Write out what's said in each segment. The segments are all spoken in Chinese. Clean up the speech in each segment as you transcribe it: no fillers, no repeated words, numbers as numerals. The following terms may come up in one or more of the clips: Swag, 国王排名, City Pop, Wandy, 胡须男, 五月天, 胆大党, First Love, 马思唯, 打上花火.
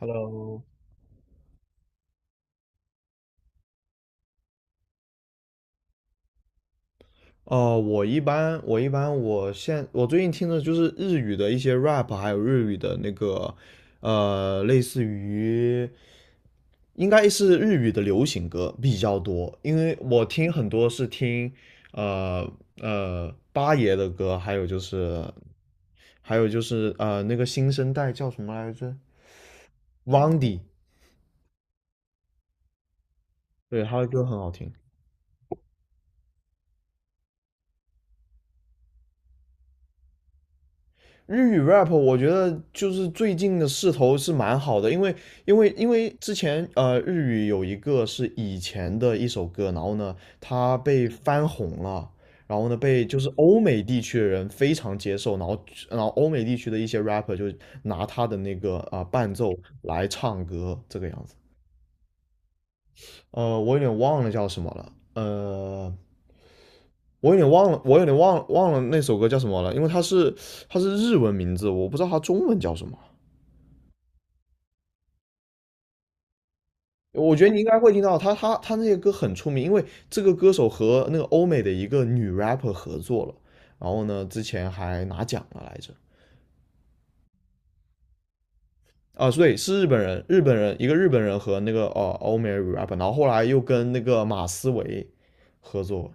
Hello,哦，我一般我一般我现我最近听的就是日语的一些 rap,还有日语的那个类似于应该是日语的流行歌比较多，因为我听很多是听呃八爷的歌，还有就是还有就是那个新生代叫什么来着？Wandy,对，他的歌很好听。日语 rap 我觉得就是最近的势头是蛮好的，因为之前日语有一个是以前的一首歌，然后呢它被翻红了，然后呢被就是欧美地区的人非常接受，然后然后欧美地区的一些 rapper 就拿他的那个伴奏来唱歌这个样子。我有点忘了叫什么了，我有点忘了，我有点忘了那首歌叫什么了，因为它是它是日文名字，我不知道它中文叫什么。我觉得你应该会听到他，他那些歌很出名，因为这个歌手和那个欧美的一个女 rapper 合作了，然后呢，之前还拿奖了来着。啊，所以是日本人，日本人一个日本人和那个欧美 rapper,然后后来又跟那个马思唯合作，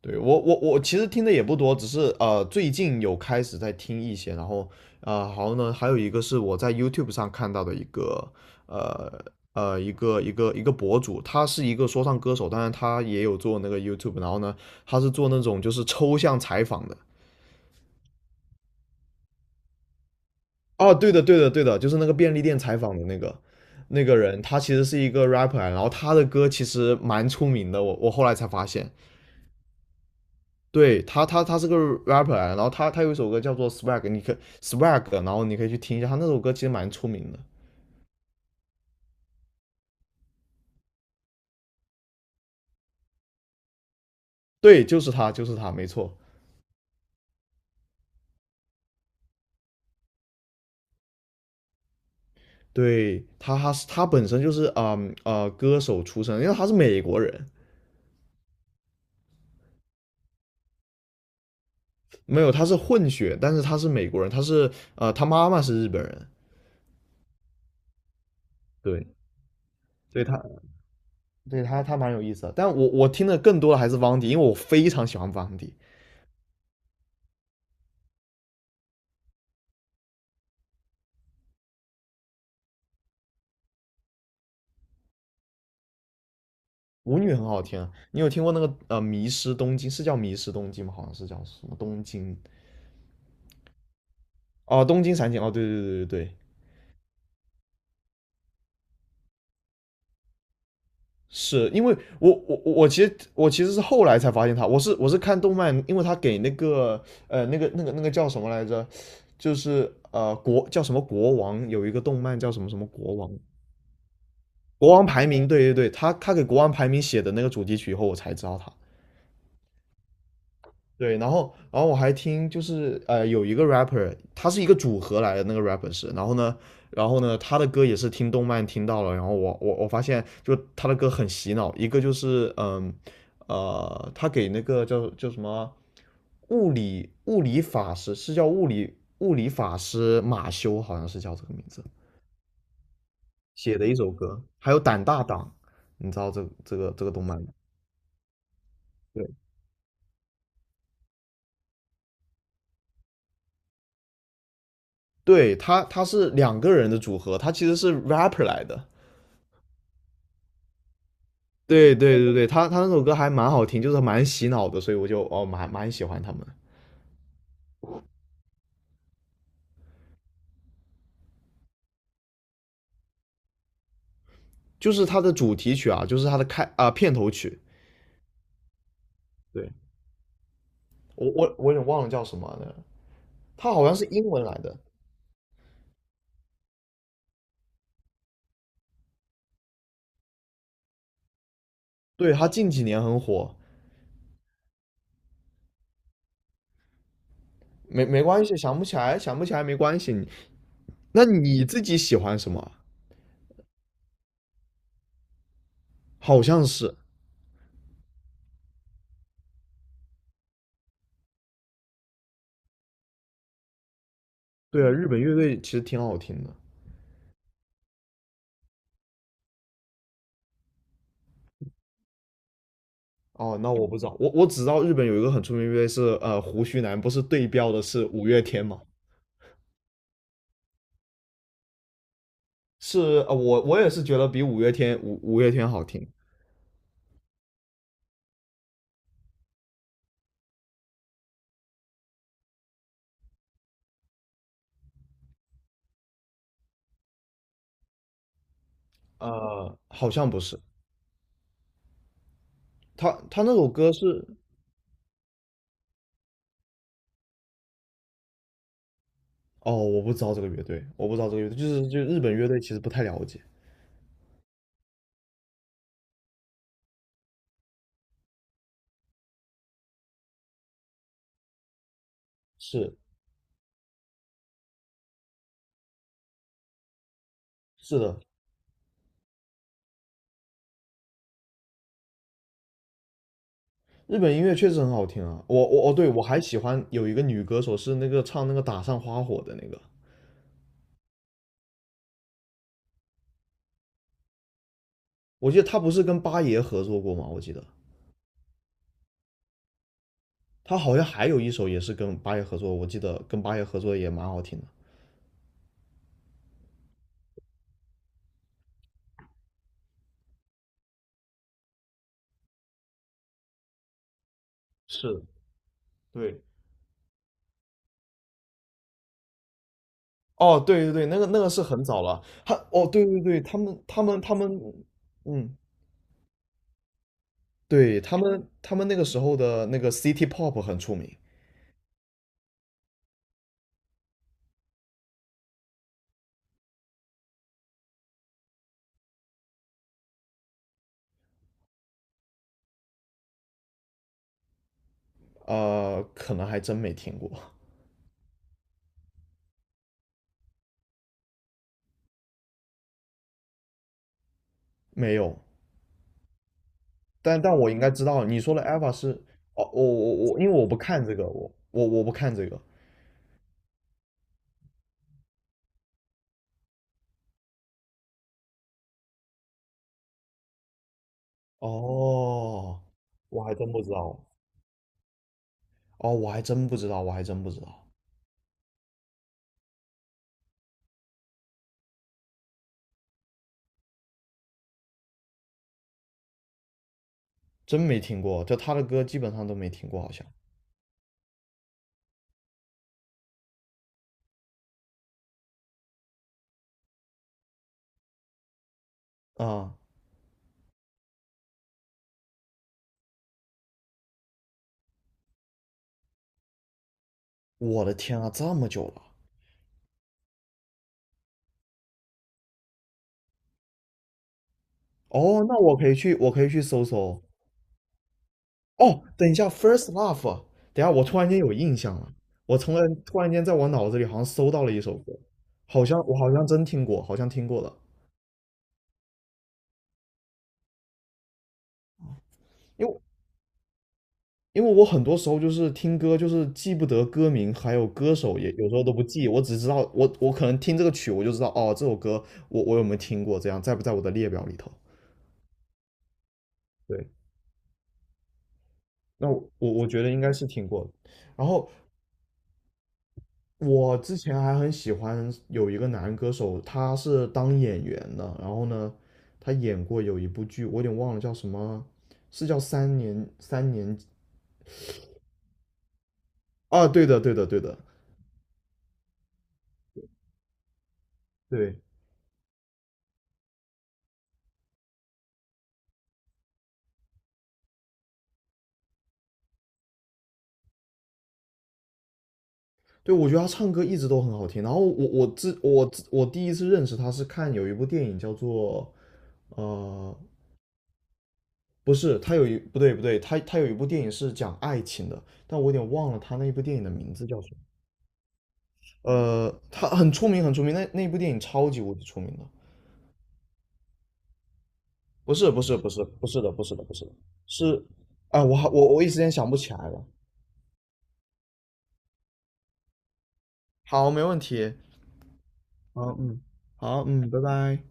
对。我其实听的也不多，只是最近有开始在听一些，然后好呢，还有一个是我在 YouTube 上看到的一个呃一个博主，他是一个说唱歌手，当然他也有做那个 YouTube,然后呢他是做那种就是抽象采访的。哦，对的对的对的，就是那个便利店采访的那个那个人，他其实是一个 rapper,然后他的歌其实蛮出名的，我后来才发现。对他，他他是个 rapper,然后他他有一首歌叫做 Swag,Swag,然后你可以去听一下，他那首歌其实蛮出名的。对，就是他，就是他，没错。对他，他是他本身就是歌手出身，因为他是美国人，没有他是混血，但是他是美国人，他是他妈妈是日本人。对，所以他对他他蛮有意思的。但我听的更多的还是汪迪，因为我非常喜欢汪迪，舞女很好听啊。你有听过那个迷失东京是叫迷失东京吗？好像是叫什么东京。哦，东京散景，哦，对对对对对，是因为我其实是后来才发现他，我是看动漫，因为他给那个那个叫什么来着，就是叫什么国王，有一个动漫叫什么什么国王，国王排名，对对对，他他给国王排名写的那个主题曲以后，我才知道他，对。然后，然后我还听，就是有一个 rapper,他是一个组合来的，那个 rapper 是，然后呢，然后呢，他的歌也是听动漫听到了，然后我我发现，就他的歌很洗脑，一个就是他给那个叫叫什么物理物理法师，是叫物理物理法师马修，好像是叫这个名字写的一首歌，还有胆大党，你知道这个这个动漫吗？对，对，他他是两个人的组合，他其实是 rapper 来的。对对对对，他他那首歌还蛮好听，就是蛮洗脑的，所以我就蛮喜欢他们。就是他的主题曲啊，就是他的片头曲，对。我有点忘了叫什么了，他好像是英文来的。对，他近几年很火，没关系，想不起来想不起来没关系。那你自己喜欢什么？好像是。对啊，日本乐队其实挺好听的。哦，那我不知道，我我只知道日本有一个很出名的乐队是胡须男，不是对标的是五月天吗？是我我也是觉得比五月天好听。好像不是，他他那首歌是，哦，我不知道这个乐队，我不知道这个乐队，就是就日本乐队其实不太了解，是是的，日本音乐确实很好听啊，我我哦对，我还喜欢有一个女歌手是那个唱那个打上花火的那个，我记得她不是跟八爷合作过吗？我记得她好像还有一首也是跟八爷合作，我记得跟八爷合作也蛮好听的，是，对，哦，对对对，那个那个是很早了。对对对，他们，嗯，对。他们那个时候的那个 City Pop 很出名。可能还真没听过，没有。但但我应该知道，你说的 Eva 是我，因为我不看这个，我不看这个。哦，我还真不知道。哦，我还真不知道，我还真不知道，真没听过。就他的歌基本上都没听过，好像。啊、我的天啊，这么久了。哦，那我可以去，我可以去搜搜。哦，等一下，First Love,等一下，我突然间有印象了，我从来突然间在我脑子里好像搜到了一首歌，好像我好像真听过，好像听过的。因为因为我很多时候就是听歌，就是记不得歌名，还有歌手也有时候都不记，我只知道我可能听这个曲，我就知道哦，这首歌我有没有听过，这样在不在我的列表里头？对，那我我觉得应该是听过的。然后我之前还很喜欢有一个男歌手，他是当演员的，然后呢，他演过有一部剧，我有点忘了叫什么，是叫三年啊，对的，对的，对的，对对，我觉得他唱歌一直都很好听。然后我第一次认识他是看有一部电影叫做呃，不是，他有一不对不对，他他有一部电影是讲爱情的，但我有点忘了他那部电影的名字叫什么。他很出名很出名，那那部电影超级无敌出名的。不是的，是啊，我好我我一时间想不起来了。好，没问题。好，嗯，好，嗯，拜拜。